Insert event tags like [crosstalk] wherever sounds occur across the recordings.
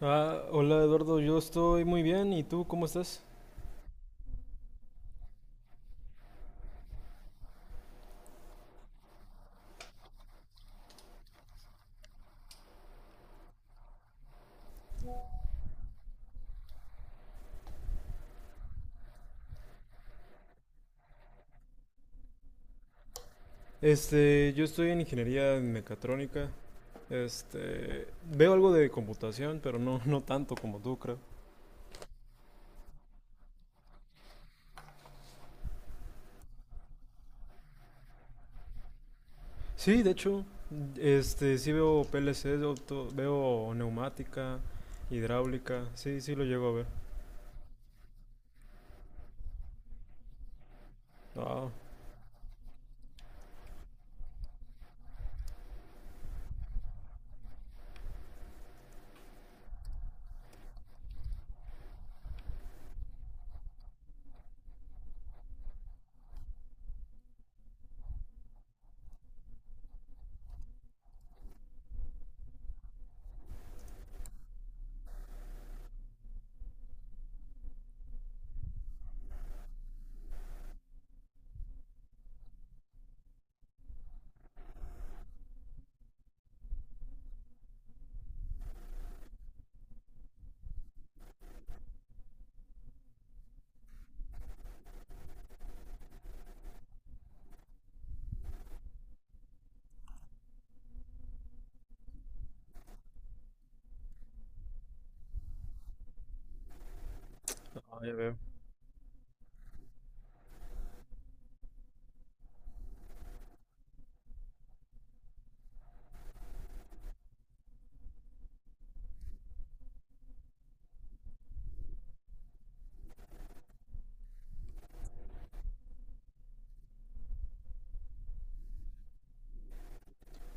Hola Eduardo, yo estoy muy bien. ¿Y tú cómo estás? Yo estoy en ingeniería en mecatrónica. Este, Veo algo de computación, pero no, no tanto como tú, creo. Sí, de hecho, sí veo PLC, veo neumática, hidráulica. Sí, sí lo llego a ver. Ah,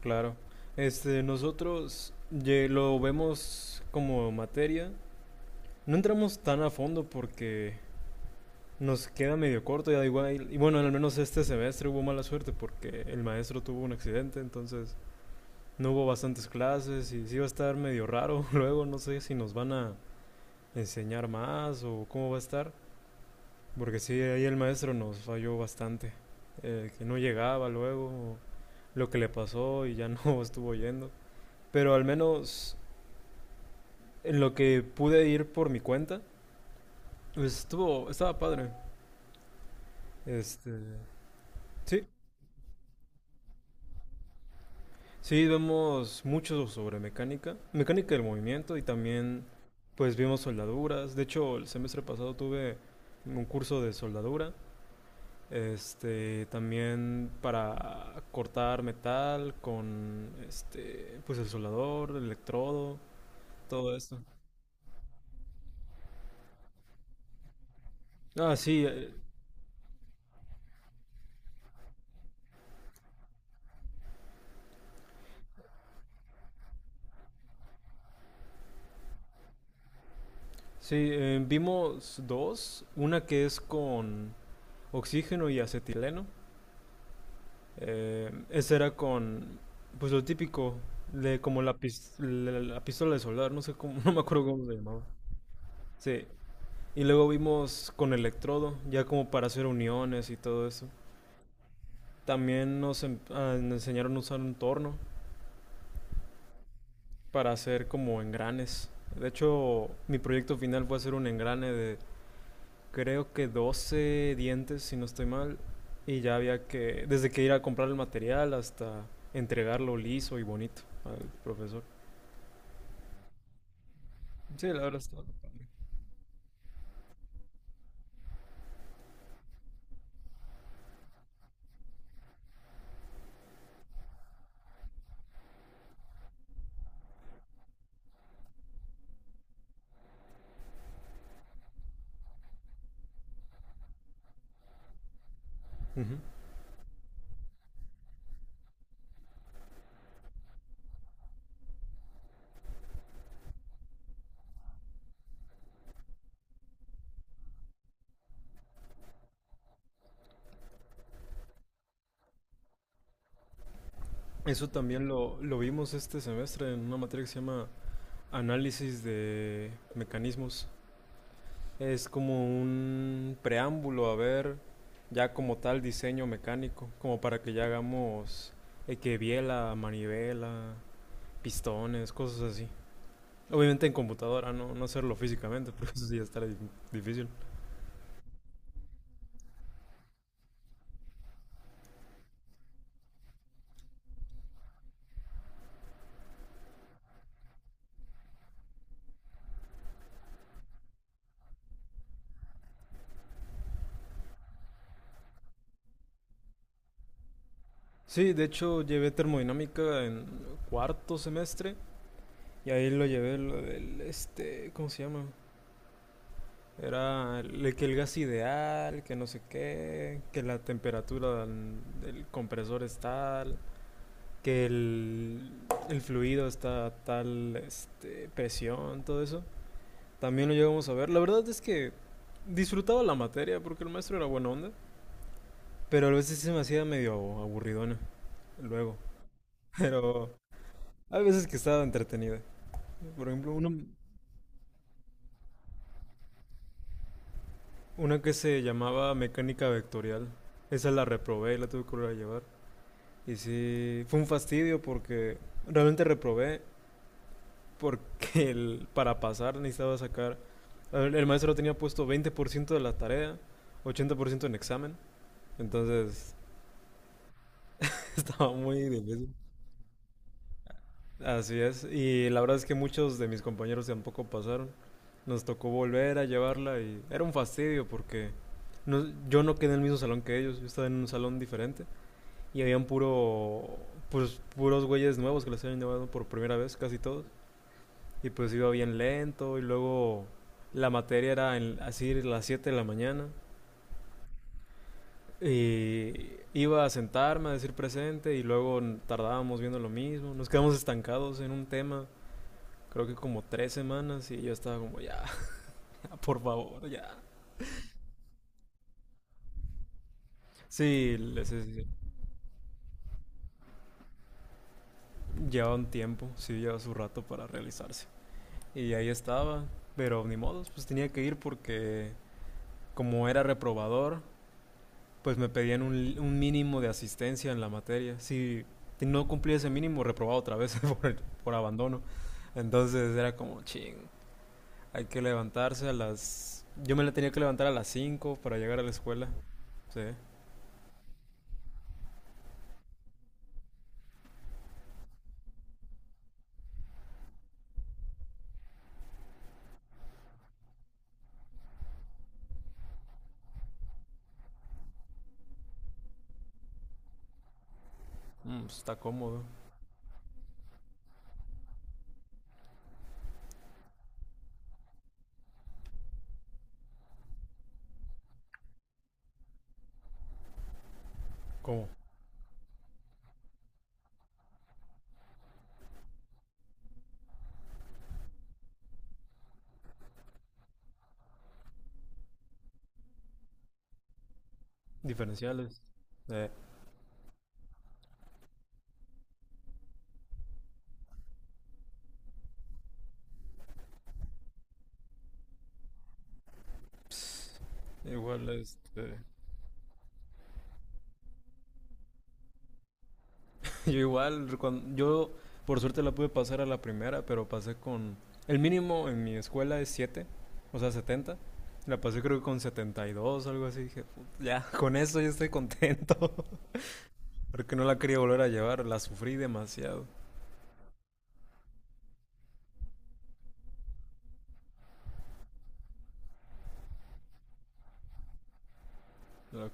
claro. Nosotros lo vemos como materia. No entramos tan a fondo porque nos queda medio corto, ya igual. Y bueno, al menos este semestre hubo mala suerte porque el maestro tuvo un accidente, entonces no hubo bastantes clases y sí va a estar medio raro. [laughs] Luego no sé si nos van a enseñar más o cómo va a estar, porque sí, ahí el maestro nos falló bastante. Que no llegaba luego, lo que le pasó y ya no [laughs] estuvo yendo. Pero al menos en lo que pude ir por mi cuenta, estaba padre. Este, sí, Sí, vemos mucho sobre mecánica, mecánica del movimiento y también pues vimos soldaduras. De hecho, el semestre pasado tuve un curso de soldadura, este también para cortar metal con este pues el soldador, el electrodo, todo esto. Ah, sí, sí, vimos dos, una que es con oxígeno y acetileno. Eh, ese era con, pues lo típico, de como la pistola de soldar, no sé cómo, [laughs] no me acuerdo cómo se llamaba. Sí, y luego vimos con electrodo, ya como para hacer uniones y todo eso. También nos enseñaron a usar un torno para hacer como engranes. De hecho, mi proyecto final fue hacer un engrane de creo que 12 dientes, si no estoy mal, y ya había que, desde que ir a comprar el material hasta entregarlo liso y bonito al profesor. Sí, la verdad. Ujú. Eso también lo vimos este semestre en una materia que se llama Análisis de Mecanismos. Es como un preámbulo a ver ya como tal diseño mecánico, como para que ya hagamos que biela, manivela, pistones, cosas así. Obviamente en computadora, no, no hacerlo físicamente, [laughs] porque eso sí ya difícil. Sí, de hecho llevé termodinámica en cuarto semestre y ahí lo llevé lo del, este, ¿cómo se llama? Era el, que el gas ideal, que no sé qué, que la temperatura del, del compresor es tal, que el, el fluido está a tal este, presión, todo eso. También lo llegamos a ver. La verdad es que disfrutaba la materia porque el maestro era buena onda, pero a veces sí se me hacía medio aburridona luego. [laughs] Pero hay veces que estaba entretenida. Por ejemplo, una que se llamaba mecánica vectorial. Esa la reprobé y la tuve que volver a llevar. Y sí, fue un fastidio porque realmente reprobé porque [laughs] para pasar necesitaba sacar, el maestro tenía puesto 20% de la tarea, 80% en examen, entonces [laughs] estaba muy difícil. Así es, y la verdad es que muchos de mis compañeros tampoco pasaron, nos tocó volver a llevarla y era un fastidio porque yo no quedé en el mismo salón que ellos, yo estaba en un salón diferente y habían puros güeyes nuevos que les habían llevado por primera vez, casi todos. Y pues iba bien lento y luego la materia era en, así a las 7 de la mañana. Y iba a sentarme a decir presente y luego tardábamos viendo lo mismo. Nos quedamos estancados en un tema, creo que como 3 semanas y yo estaba como, ya, [laughs] por favor, ya. Sí, llevaba un tiempo, sí, llevaba su rato para realizarse. Y ahí estaba, pero ni modos, pues tenía que ir porque como era reprobador, pues me pedían un mínimo de asistencia en la materia. Si no cumplía ese mínimo, reprobaba otra vez [laughs] por abandono. Entonces era como, ching, hay que levantarse a las... Yo me la tenía que levantar a las 5 para llegar a la escuela. Sí, mm, pues, está cómodo. ¿Cómo? Diferenciales. Eh, pss, Igual, este... [laughs] Yo igual, yo por suerte la pude pasar a la primera, pero pasé con... El mínimo en mi escuela es 7, o sea, 70. La pasé creo que con 72, algo así. Dije, Ya, [laughs] con eso ya estoy contento". [laughs] Porque no la quería volver a llevar, la sufrí demasiado. Lo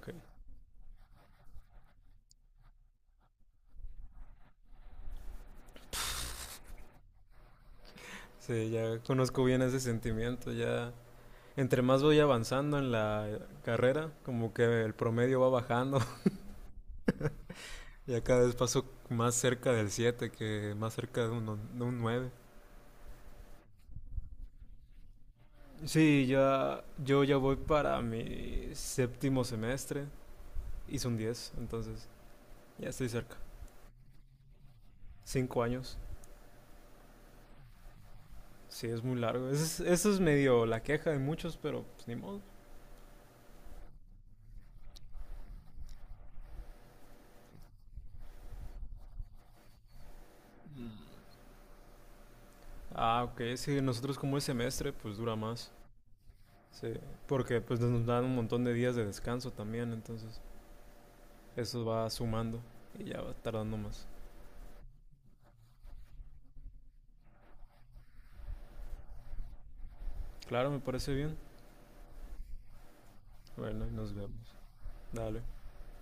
sí, ya conozco bien ese sentimiento, ya... Entre más voy avanzando en la carrera, como que el promedio va bajando. [laughs] Ya cada vez paso más cerca del 7 que más cerca de de un nueve. Sí, ya, yo ya voy para mi séptimo semestre. Hice un 10, entonces ya estoy cerca. 5 años. Sí, es muy largo. Eso es medio la queja de muchos, pero pues ni modo. Ah, ok. Sí, nosotros como el semestre, pues dura más. Sí, porque pues nos dan un montón de días de descanso también, entonces eso va sumando y ya va tardando más. Claro, me parece bien. Bueno, y nos vemos. Dale.